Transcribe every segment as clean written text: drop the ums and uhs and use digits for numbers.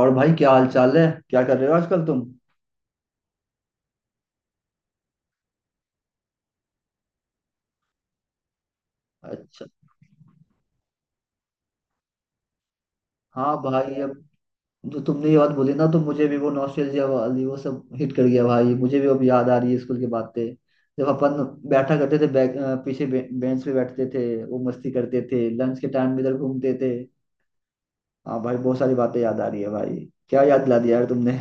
और भाई, क्या हाल चाल है? क्या कर रहे हो आजकल तुम? अच्छा। हाँ भाई, अब जो तुमने ये बात बोली ना, तो मुझे भी वो नॉस्टैल्जिया वाली वो सब हिट कर गया भाई। मुझे भी अब याद आ रही है स्कूल की बातें। जब अपन बैठा करते थे पीछे बेंच पे बैठते थे, वो मस्ती करते थे, लंच के टाइम इधर घूमते थे। हाँ भाई, बहुत सारी बातें याद आ रही है भाई। क्या याद दिला दिया यार तुमने।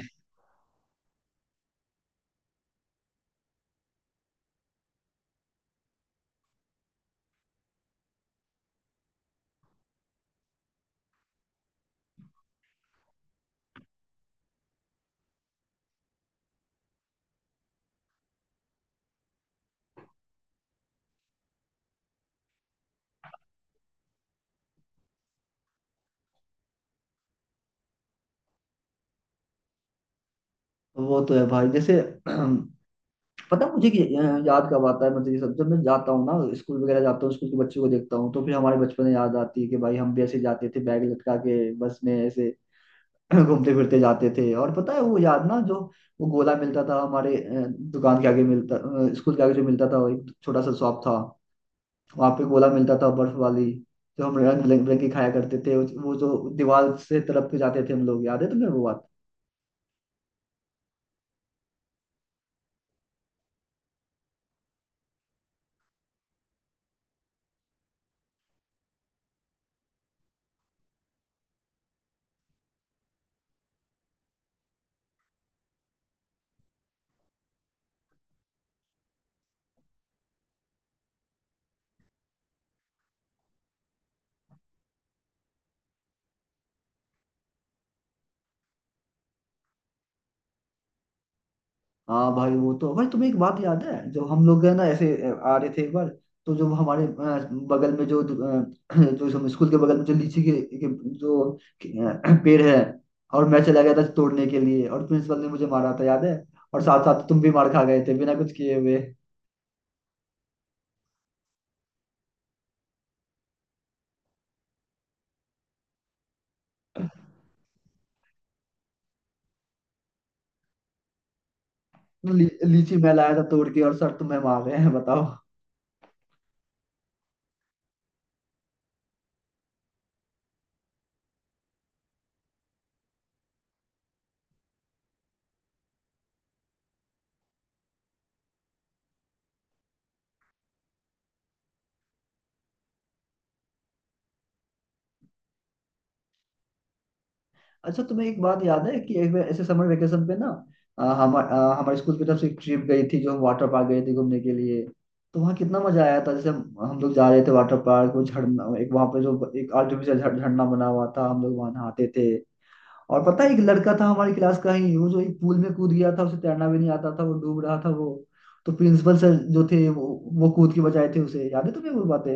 वो तो है भाई, जैसे पता है मुझे कि याद कब आता है, मतलब ये सब जब मैं जाता हूँ ना, स्कूल वगैरह जाता हूँ, स्कूल के बच्चों को देखता हूँ, तो फिर हमारे बचपन में याद आती है कि भाई हम भी ऐसे जाते थे, बैग लटका के बस में ऐसे घूमते फिरते जाते थे। और पता है वो याद ना, जो वो गोला मिलता था हमारे दुकान के आगे मिलता स्कूल के आगे जो मिलता था, वो एक छोटा सा शॉप था। वहाँ पे गोला मिलता था बर्फ वाली, जो हम रंग बिरंगी खाया करते थे, वो जो दीवार से तरफ के जाते थे हम लोग, याद है तुम्हें वो बात? हाँ भाई, वो तो भाई, तुम्हें एक बात याद है जब हम लोग है ना ऐसे आ रहे थे एक बार, तो जब हमारे बगल में जो जो हम स्कूल के बगल में, जो लीची के जो पेड़ है, और मैं चला गया था तोड़ने के लिए, और प्रिंसिपल ने मुझे मारा था, याद है? और साथ साथ तुम भी मार खा गए थे बिना कुछ किए हुए। तो लीची मैं लाया था तोड़ के, और सर तुम्हें मार रहे हैं, बताओ। अच्छा, तुम्हें एक बात याद है कि एक बार ऐसे समर वेकेशन पे ना, हमारे हमारे स्कूल की तरफ से एक ट्रिप गई थी, जो हम वाटर पार्क गए थे घूमने के लिए। तो वहाँ कितना मजा आया था। जैसे हम लोग जा रहे थे वाटर पार्क, वो झरना, एक वहाँ पे जो एक आर्टिफिशियल झरना बना हुआ था, हम लोग वहाँ नहाते थे। और पता है, एक लड़का था हमारी क्लास का ही, वो जो एक पूल में कूद गया था, उसे तैरना भी नहीं आता था, वो डूब रहा था वो। तो प्रिंसिपल सर जो थे वो कूद के बचाए थे उसे। याद है तुम्हें वो बातें?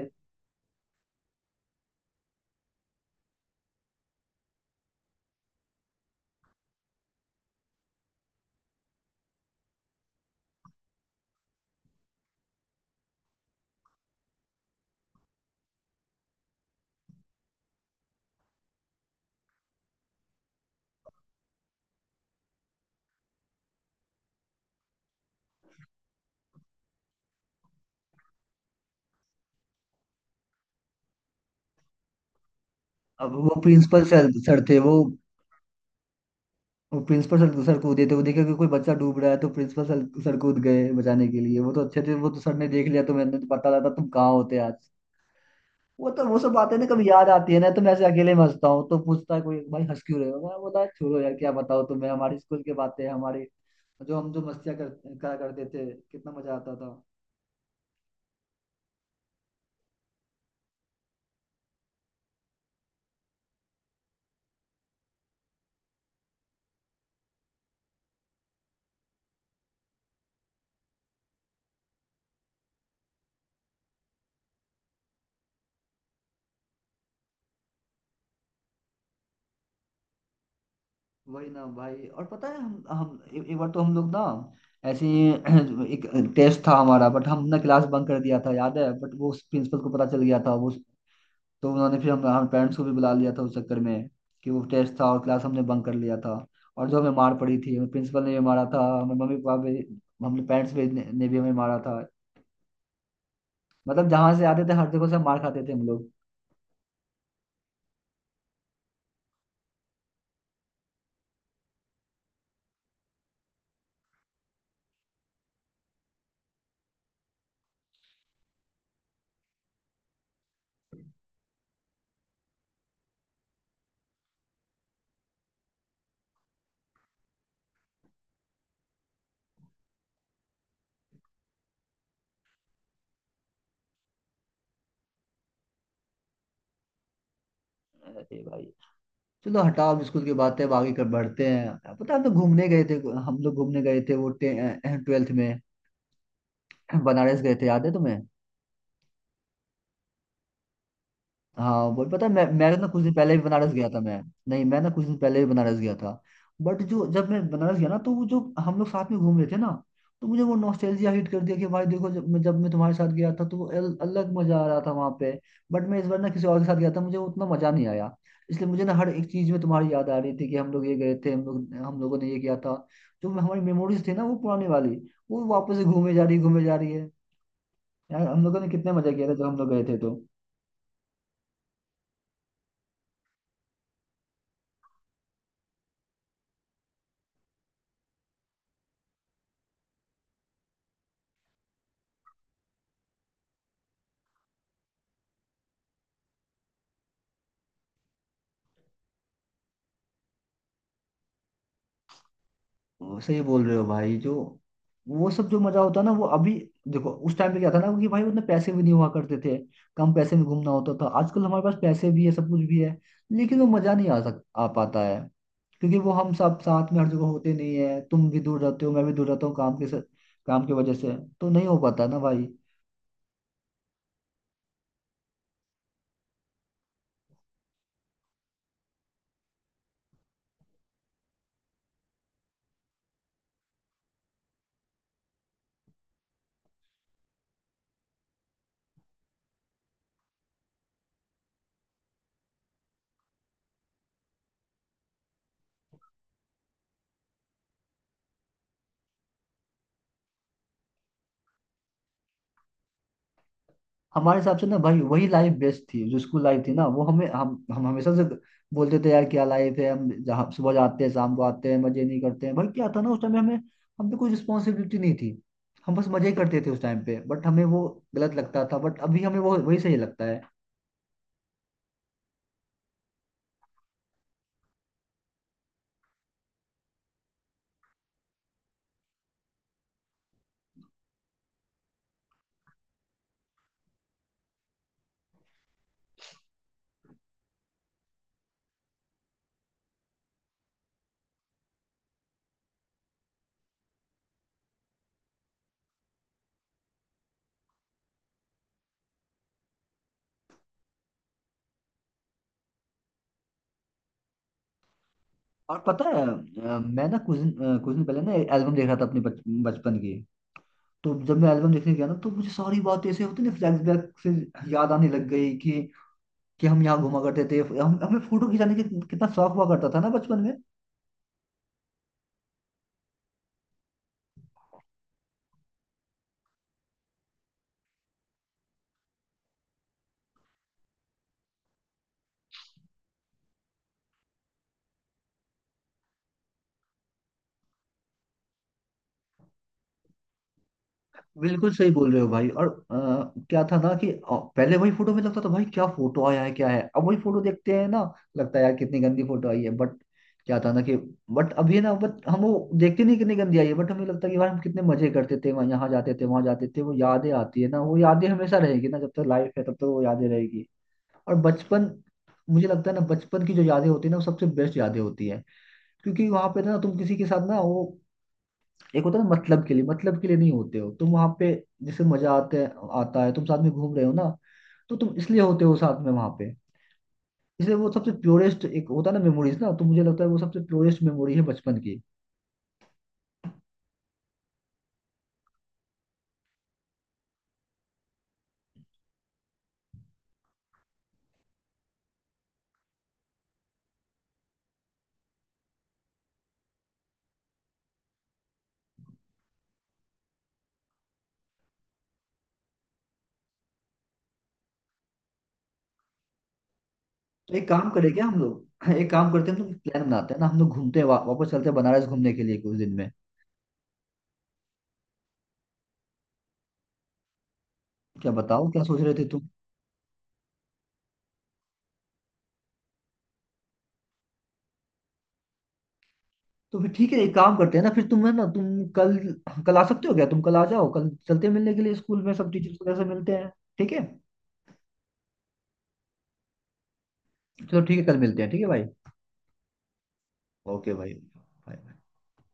अब वो प्रिंसिपल सर सर थे वो प्रिंसिपल सर सर कूदे थे। वो देखा कि कोई बच्चा डूब रहा है, तो प्रिंसिपल सर सर कूद गए बचाने के लिए। वो तो अच्छे थे, वो तो सर ने देख लिया, तो मैंने तो पता लगा, तुम कहाँ होते आज। वो तो वो सब बातें ना, कभी याद आती है ना, तो मैं ऐसे अकेले में हंसता हूँ, तो पूछता है कोई भाई हंस क्यों रहे हो, मैं बोला छोड़ो यार, क्या बताओ तुम्हें हमारे स्कूल की बातें, हमारे जो हम जो मस्तियाँ कर करा करते थे, कितना मजा आता था। वही ना भाई, और पता है हम एक बार तो हम लोग ना, ऐसे ही एक टेस्ट था हमारा, बट हमने क्लास बंक कर दिया था, याद है? बट वो प्रिंसिपल को पता चल गया था वो। तो उन्होंने फिर हम पेरेंट्स को भी बुला लिया था उस चक्कर में, कि वो टेस्ट था और क्लास हमने बंक कर लिया था, और जो हमें मार पड़ी थी, प्रिंसिपल ने भी मारा था हमें, मम्मी पापा भी, हमने पेरेंट्स भी ने भी हमें मारा था। मतलब जहाँ से आते थे, हर जगह से मार खाते थे हम लोग। अरे भाई, चलो हटाओ, अब स्कूल की बात है, अब आगे कर बढ़ते हैं। पता है हम लोग घूमने गए थे, वो ट्वेल्थ में बनारस गए थे, याद है तुम्हें? हाँ वो, पता है मैं ना कुछ दिन पहले भी बनारस गया था मैं। नहीं, मैं ना कुछ दिन पहले भी बनारस गया था। बट जो जब मैं बनारस गया ना, तो वो जो हम लोग साथ में घूम रहे थे ना, तो मुझे वो नॉस्टैल्जिया हिट कर दिया कि भाई देखो, जब मैं तुम्हारे साथ गया था, तो वो अलग मजा आ रहा था वहां पे। बट मैं इस बार ना किसी और के साथ गया था, मुझे उतना मजा नहीं आया। इसलिए मुझे ना हर एक चीज में तुम्हारी याद आ रही थी, कि हम लोग ये गए थे, हम लोग हम लोगों ने ये किया था, जो हमारी मेमोरीज थी ना वो पुरानी वाली, वो वापस से घूमे जा रही है। यार हम लोगों ने कितने मजा किया था जब हम लोग गए थे तो। वो सही बोल रहे हो भाई, जो वो सब जो मजा होता है ना वो अभी, देखो उस टाइम पे क्या था ना कि भाई, उतने पैसे भी नहीं हुआ करते थे, कम पैसे में घूमना होता था। आजकल हमारे पास पैसे भी है, सब कुछ भी है, लेकिन वो मजा नहीं आ पाता है, क्योंकि वो हम सब साथ में हर जगह होते नहीं है। तुम भी दूर रहते हो, मैं भी दूर रहता हूँ, काम की वजह से तो नहीं हो पाता ना भाई। हमारे हिसाब से ना भाई, वही लाइफ बेस्ट थी जो स्कूल लाइफ थी ना, वो हमें हम हमेशा से बोलते थे, यार क्या लाइफ है, हम जहाँ सुबह जाते हैं शाम को आते हैं, मजे नहीं करते हैं भाई। क्या था ना उस टाइम हमें, हम पे कोई रिस्पॉन्सिबिलिटी नहीं थी, हम बस मजे ही करते थे उस टाइम पे, बट हमें वो गलत लगता था, बट अभी हमें वो वही सही लगता है। और पता है मैं ना कुछ दिन पहले ना एल्बम देख रहा था अपने बचपन की। तो जब मैं एल्बम देखने गया ना, तो मुझे सारी बातें ऐसे होती ना फ्लैशबैक से याद आने लग गई कि हम यहाँ घुमा करते थे, हम हमें फोटो खिंचाने की कितना शौक हुआ करता था ना बचपन में। बिल्कुल सही बोल रहे हो भाई, और क्या था ना कि पहले वही फोटो में लगता था भाई क्या फोटो आया है क्या है, अब वही फोटो देखते हैं ना, लगता है यार कितनी गंदी फोटो आई है। बट क्या था ना कि, बट अभी ना, बट हम वो देखते नहीं कितनी गंदी आई है, बट हमें लगता है कि यार हम कितने मजे करते थे, वहाँ यहाँ जाते थे, वहाँ जाते थे, वो यादें आती है ना, वो यादें हमेशा रहेगी ना, जब तक लाइफ है तब तक वो यादें रहेगी। और बचपन, मुझे लगता है ना बचपन की जो यादें होती है ना, वो सबसे बेस्ट यादें होती है, क्योंकि वहां पे ना तुम किसी के साथ ना वो, एक होता है ना मतलब के लिए, मतलब के लिए नहीं होते हो तुम वहां पे, जैसे मजा आते आता है, तुम साथ में घूम रहे हो ना, तो तुम इसलिए होते हो साथ में वहां पे, इसलिए वो सबसे प्योरेस्ट एक होता है ना मेमोरीज ना, तो मुझे लगता है वो सबसे प्योरेस्ट मेमोरी है बचपन की। तो एक काम करें क्या हम लोग एक काम करते हैं, हम लोग प्लान बनाते हैं ना, हम लोग घूमते हैं, वापस चलते हैं बनारस घूमने के लिए कुछ दिन में। क्या बताओ क्या सोच रहे थे तुम? तो फिर ठीक है, एक काम करते हैं ना, फिर तुम है ना, तुम कल कल आ सकते हो क्या? तुम कल आ जाओ, कल चलते हैं मिलने के लिए स्कूल में, सब टीचर्स वगैरह से मिलते हैं। ठीक है? चलो ठीक है, कल मिलते हैं ठीक है भाई। ओके भाई, Bye.